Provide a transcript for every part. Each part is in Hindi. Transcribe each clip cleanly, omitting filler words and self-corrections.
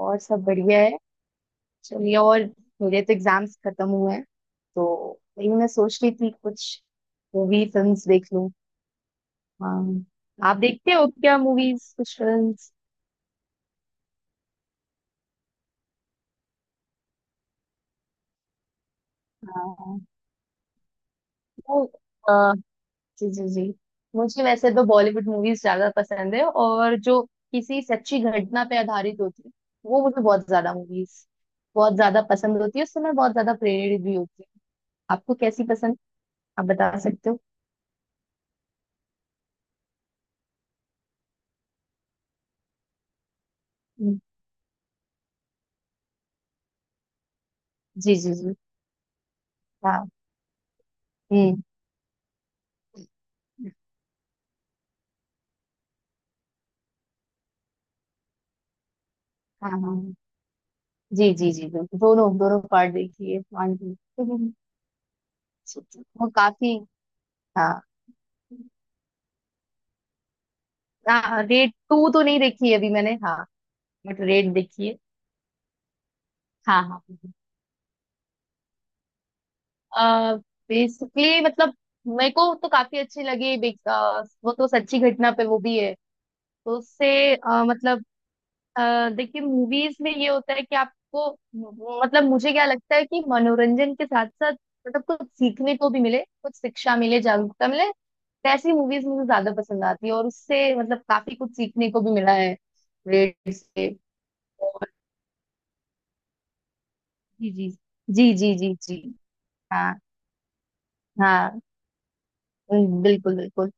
और सब बढ़िया है। चलिए। और मेरे तो एग्जाम्स खत्म हुए हैं, तो वही मैं सोच रही थी कुछ मूवी फिल्म्स देख लूं। हाँ। आप देखते हो क्या मूवीज, कुछ फिल्म्स? हाँ। तो, अ, जी जी जी। मुझे वैसे तो बॉलीवुड मूवीज ज्यादा पसंद है, और जो किसी सच्ची घटना पे आधारित होती है वो मुझे बहुत ज्यादा मूवीज, बहुत ज्यादा पसंद होती है। उससे मैं बहुत ज्यादा प्रेरित भी होती हूँ। आपको कैसी पसंद, आप बता सकते हो? हम्म, जी जी जी। हाँ। हम्म। हाँ हाँ हाँ। जी जी जी, बिल्कुल। दोनों दोनों पार्ट देखिए, वन टू। वो काफी। हाँ हाँ, रेड टू तो नहीं देखी है अभी मैंने, हाँ, बट रेड देखी है। हाँ हाँ। आ, बेसिकली मतलब मेरे को तो काफी अच्छी लगी। वो तो सच्ची घटना पे वो भी है, तो उससे मतलब देखिए, मूवीज में ये होता है कि आपको, मतलब मुझे क्या लगता है कि मनोरंजन के साथ साथ मतलब कुछ सीखने को भी मिले, कुछ शिक्षा मिले, जागरूकता मिले, तो ऐसी मूवीज मुझे ज्यादा पसंद आती है। और उससे मतलब काफी कुछ सीखने को भी मिला है, रेड से। और जी जी जी जी, जी जी। हाँ हाँ। बिल्कुल बिल्कुल।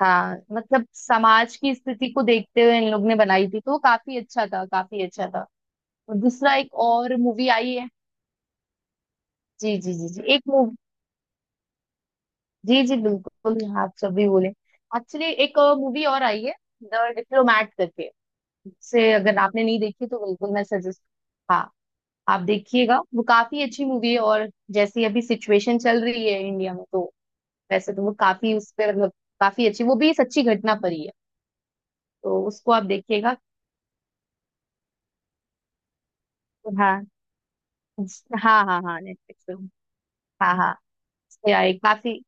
हाँ, मतलब समाज की स्थिति को देखते हुए इन लोग ने बनाई थी, तो वो काफी अच्छा था, काफी अच्छा था। और दूसरा एक और मूवी आई है। जी जी जी जी, एक, जी जी बिल्कुल, आप सभी बोले। एक्चुअली एक मूवी और आई है, द डिप्लोमैट करके, से अगर आपने नहीं देखी तो बिल्कुल मैं सजेस्ट। हाँ, आप देखिएगा, वो काफी अच्छी मूवी है। और जैसी अभी सिचुएशन चल रही है इंडिया में, तो वैसे तो वो काफी उस पर मतलब काफी अच्छी, वो भी सच्ची घटना पर ही है, तो उसको आप देखिएगा। हाँ हाँ हाँ, हाँ नेटफ्लिक्स पे। हाँ हाँ, उससे आई काफी,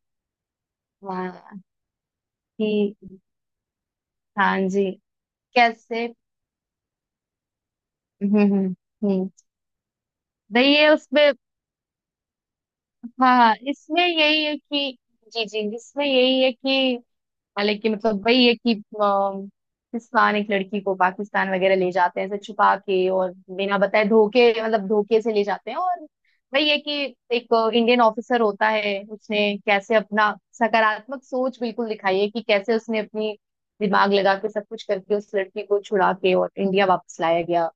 हाँ कि। हाँ जी। कैसे? हम्म। हम्म। नहीं, ये उसमें, हाँ इसमें यही है कि, जी जी इसमें यही है कि, हालांकि मतलब वही है कि, पाकिस्तान एक लड़की को पाकिस्तान वगैरह ले जाते हैं, ऐसे छुपा के, और बिना बताए धोखे मतलब धोखे से ले जाते हैं। और वही है कि एक इंडियन ऑफिसर होता है, उसने कैसे अपना सकारात्मक सोच बिल्कुल दिखाई है, कि कैसे उसने अपनी दिमाग लगा के सब कुछ करके उस लड़की को छुड़ा के और इंडिया वापस लाया गया।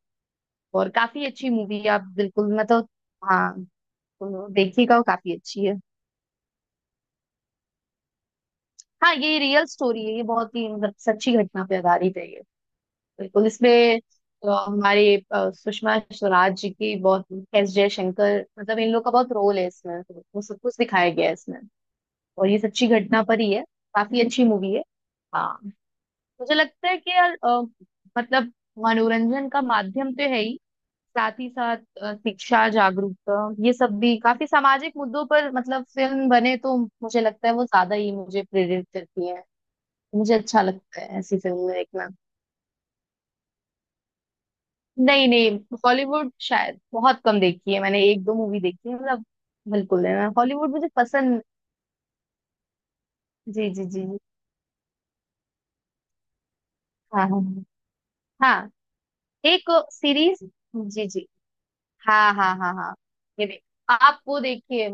और काफी अच्छी मूवी है, आप बिल्कुल, मतलब। हाँ, तो देखिएगा, वो काफी अच्छी है। हाँ, ये रियल स्टोरी है, ये बहुत ही मतलब सच्ची घटना पे आधारित है ये। बिल्कुल, इसमें हमारे सुषमा स्वराज जी की बहुत, एस जयशंकर मतलब इन लोग का बहुत रोल है इसमें, तो वो सब कुछ दिखाया गया है इसमें। और ये सच्ची घटना पर ही है। काफी अच्छी मूवी है। हाँ, मुझे लगता है कि यार मतलब मनोरंजन का माध्यम तो है ही, साथ ही साथ शिक्षा जागरूकता ये सब भी, काफी सामाजिक मुद्दों पर मतलब फिल्म बने, तो मुझे लगता है वो ज्यादा ही मुझे प्रेरित करती है। मुझे अच्छा लगता है ऐसी फिल्में देखना। नहीं नहीं, हॉलीवुड शायद बहुत कम देखी है मैंने, एक दो मूवी देखी है मतलब। बिल्कुल है ना। हॉलीवुड मुझे पसंद। जी जी जी जी। हाँ हाँ हाँ। हाँ, एक सीरीज, जी जी। हाँ हाँ हाँ हाँ। ये देख, आप वो देखिए।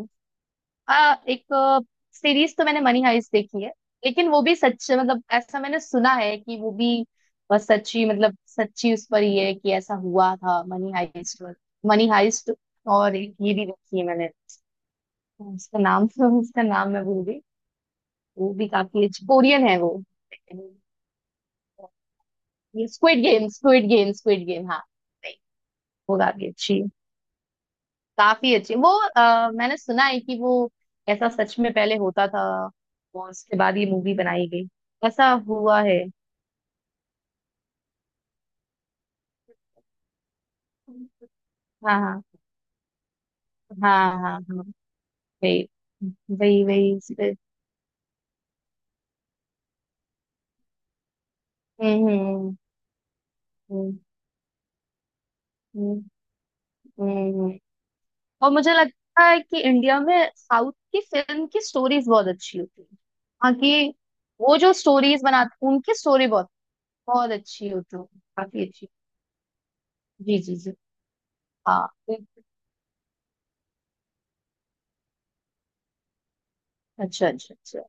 एक सीरीज तो मैंने मनी हाइस्ट देखी है, लेकिन वो भी सच मतलब, ऐसा मैंने सुना है कि वो भी सच्ची मतलब सच्ची, उस पर ये है कि ऐसा हुआ था मनी हाइस्ट, मनी हाइस्ट। और एक ये भी देखी है मैंने, उसका नाम उसका नाम मैं भूल गई। वो भी काफी अच्छी, कोरियन है वो। ये squid game, squid game, squid game, हाँ। नहीं, वो काफी अच्छी है। काफी अच्छी वो। मैंने सुना है कि वो ऐसा सच में पहले होता था, और उसके बाद ये मूवी बनाई गई। ऐसा हुआ है। हाँ हाँ। हाँ हाँ हाँ। वही। वही वही इस हम्म। हम्म हम्म, हम्म। हम्म, हम्म। और मुझे लगता है कि इंडिया में साउथ की फिल्म की स्टोरीज बहुत अच्छी होती है। हाँ कि वो जो स्टोरीज बनाते उनकी स्टोरी बहुत, बहुत अच्छी होती है। काफी अच्छी, जी जी जी। हाँ, अच्छा अच्छा अच्छा,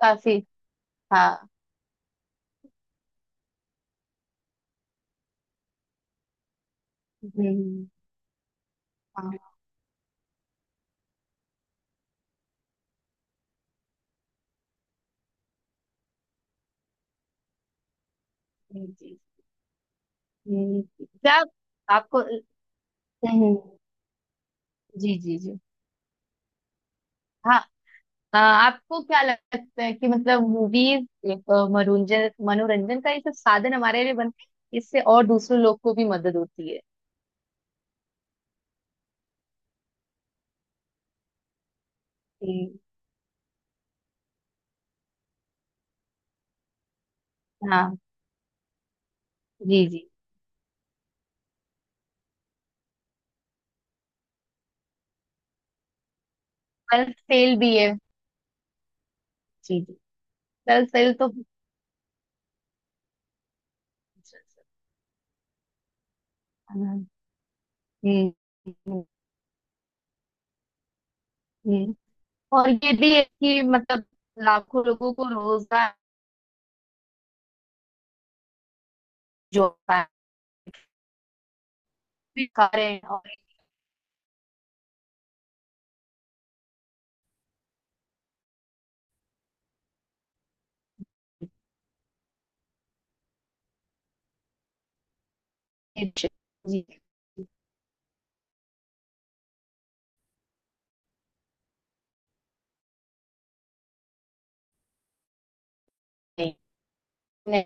काफी हाँ। हम्म। हाँ, जी जी। क्या आपको? हम्म, जी जी जी। हाँ, आपको क्या लगता है कि मतलब मूवीज एक मनोरंजन, मनोरंजन का एक साधन हमारे लिए बनते हैं, इससे और दूसरे लोग को भी मदद होती है? जी। हाँ, जी जी। सेल्फ सेल भी है। जी जी। सेल्फ सेल तो, हाँ। हम्म हम्म। हम्म, और ये भी है कि मतलब लाखों लोगों को रोजगार जो है, भी कर रहे हैं और, जी। नहीं नहीं।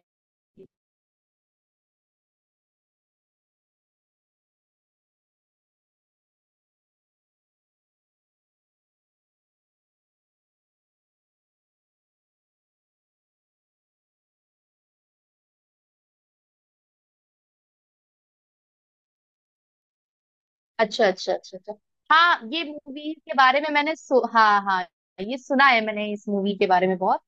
अच्छा अच्छा अच्छा अच्छा। हाँ, ये मूवी के बारे में मैंने हाँ हाँ, ये सुना है मैंने इस मूवी के बारे में बहुत,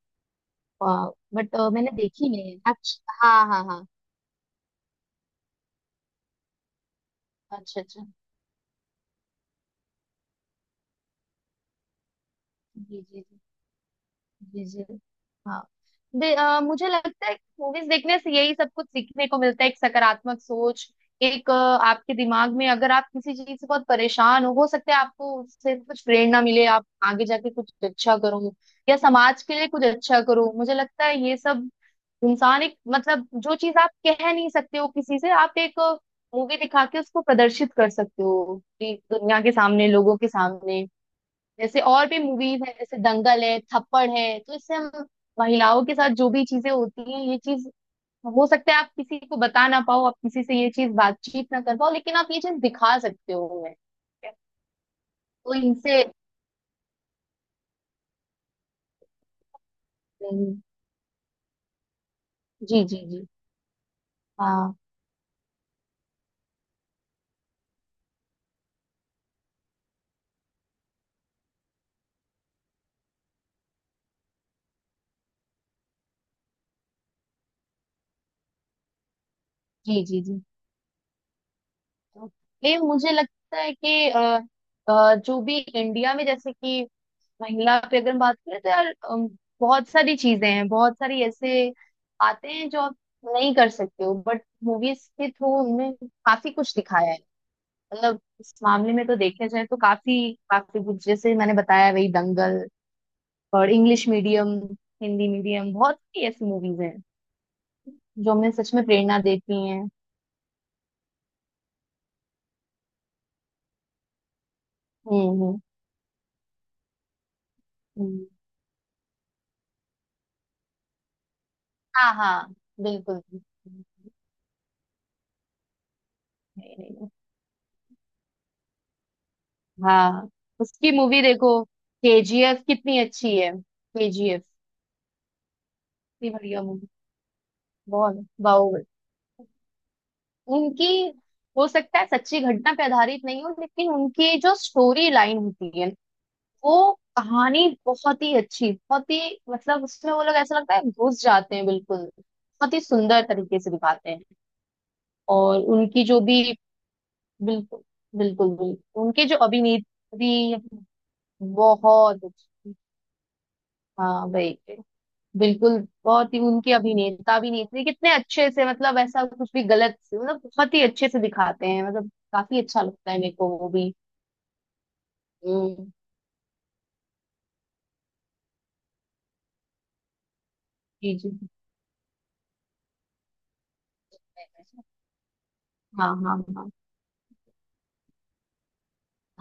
बट मैंने देखी नहीं है। अच्छा हाँ हाँ हाँ। अच्छा अच्छा। जी जी जी, जी जी। हाँ, मुझे लगता है मूवीज देखने से यही सब कुछ सीखने को मिलता है, एक सकारात्मक सोच, एक आपके दिमाग में, अगर आप किसी चीज से बहुत परेशान हो सकता है आपको उससे कुछ प्रेरणा मिले, आप आगे जाके कुछ अच्छा करो या समाज के लिए कुछ अच्छा करो। मुझे लगता है ये सब, इंसान एक मतलब, जो चीज आप कह नहीं सकते हो किसी से, आप एक मूवी दिखा के उसको प्रदर्शित कर सकते हो, कि दुनिया के सामने, लोगों के सामने। जैसे और भी मूवीज है, जैसे दंगल है, थप्पड़ है, तो इससे हम महिलाओं के साथ जो भी चीजें होती हैं ये चीज, हो सकता है आप किसी को बता ना पाओ, आप किसी से ये चीज बातचीत ना कर पाओ, लेकिन आप ये चीज दिखा सकते हो उन्हें। तो इनसे, हम्म, जी जी जी। हाँ, जी जी जी। तो ये मुझे लगता है कि जो भी इंडिया में जैसे कि महिला पे अगर हम बात करें तो यार बहुत सारी चीजें हैं, बहुत सारी ऐसे आते हैं जो आप नहीं कर सकते हो, बट मूवीज के थ्रू उनमें काफी कुछ दिखाया है। मतलब इस मामले में तो देखा जाए तो काफी काफी कुछ, जैसे मैंने बताया वही दंगल, और इंग्लिश मीडियम, हिंदी मीडियम, बहुत सी ऐसी मूवीज हैं जो हमें सच में प्रेरणा देती हैं। हम्म। हम्म। हाँ हाँ, बिल्कुल बिल्कुल। नहीं, नहीं, नहीं। हाँ, उसकी मूवी देखो, केजीएफ कितनी अच्छी है। केजीएफ, इतनी बढ़िया मूवी। बहुत, बाहुबली, उनकी, हो सकता है सच्ची घटना पे आधारित नहीं हो, लेकिन उनकी जो स्टोरी लाइन होती है वो कहानी बहुत ही अच्छी, बहुत ही मतलब, उसमें वो लोग ऐसा लगता है घुस जाते हैं बिल्कुल, बहुत ही सुंदर तरीके से दिखाते हैं। और उनकी जो भी, बिल्कुल बिल्कुल। बिल्कुल उनके जो अभिनेत्री बहुत अच्छी। हाँ भाई, बिल्कुल। बहुत ही उनके अभिनेता अभिनेत्री कितने अच्छे से, मतलब ऐसा कुछ भी गलत से मतलब बहुत ही अच्छे से दिखाते हैं, मतलब काफी अच्छा लगता है मेरे को वो भी। हम्म, जी जी। हाँ हाँ हाँ।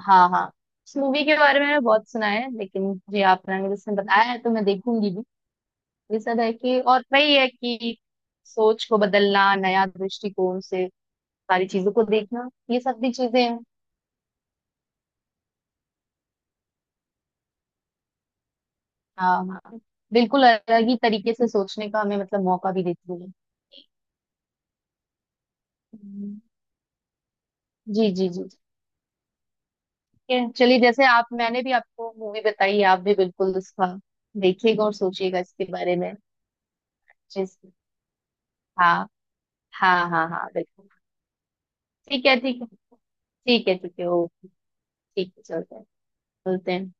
हाँ हाँ। इस मूवी के बारे में मैंने बहुत सुना है, लेकिन जी आपने मुझे इसमें बताया है तो मैं देखूंगी भी। ये सब है कि, और वही है कि सोच को बदलना, नया दृष्टिकोण से सारी चीजों को देखना, ये सब भी चीजें हैं। हाँ हाँ, बिल्कुल अलग ही तरीके से सोचने का हमें मतलब मौका भी देती है। हम्म। जी जी जी, ठीक है, चलिए। जैसे आप, मैंने भी आपको मूवी बताई, आप भी बिल्कुल उसका देखिएगा और सोचिएगा इसके बारे में। जिस, हाँ हाँ हाँ हाँ, बिल्कुल। ठीक है ठीक है। ठीक है ठीक है, ओके। ठीक है, चलते हैं, चलते हैं।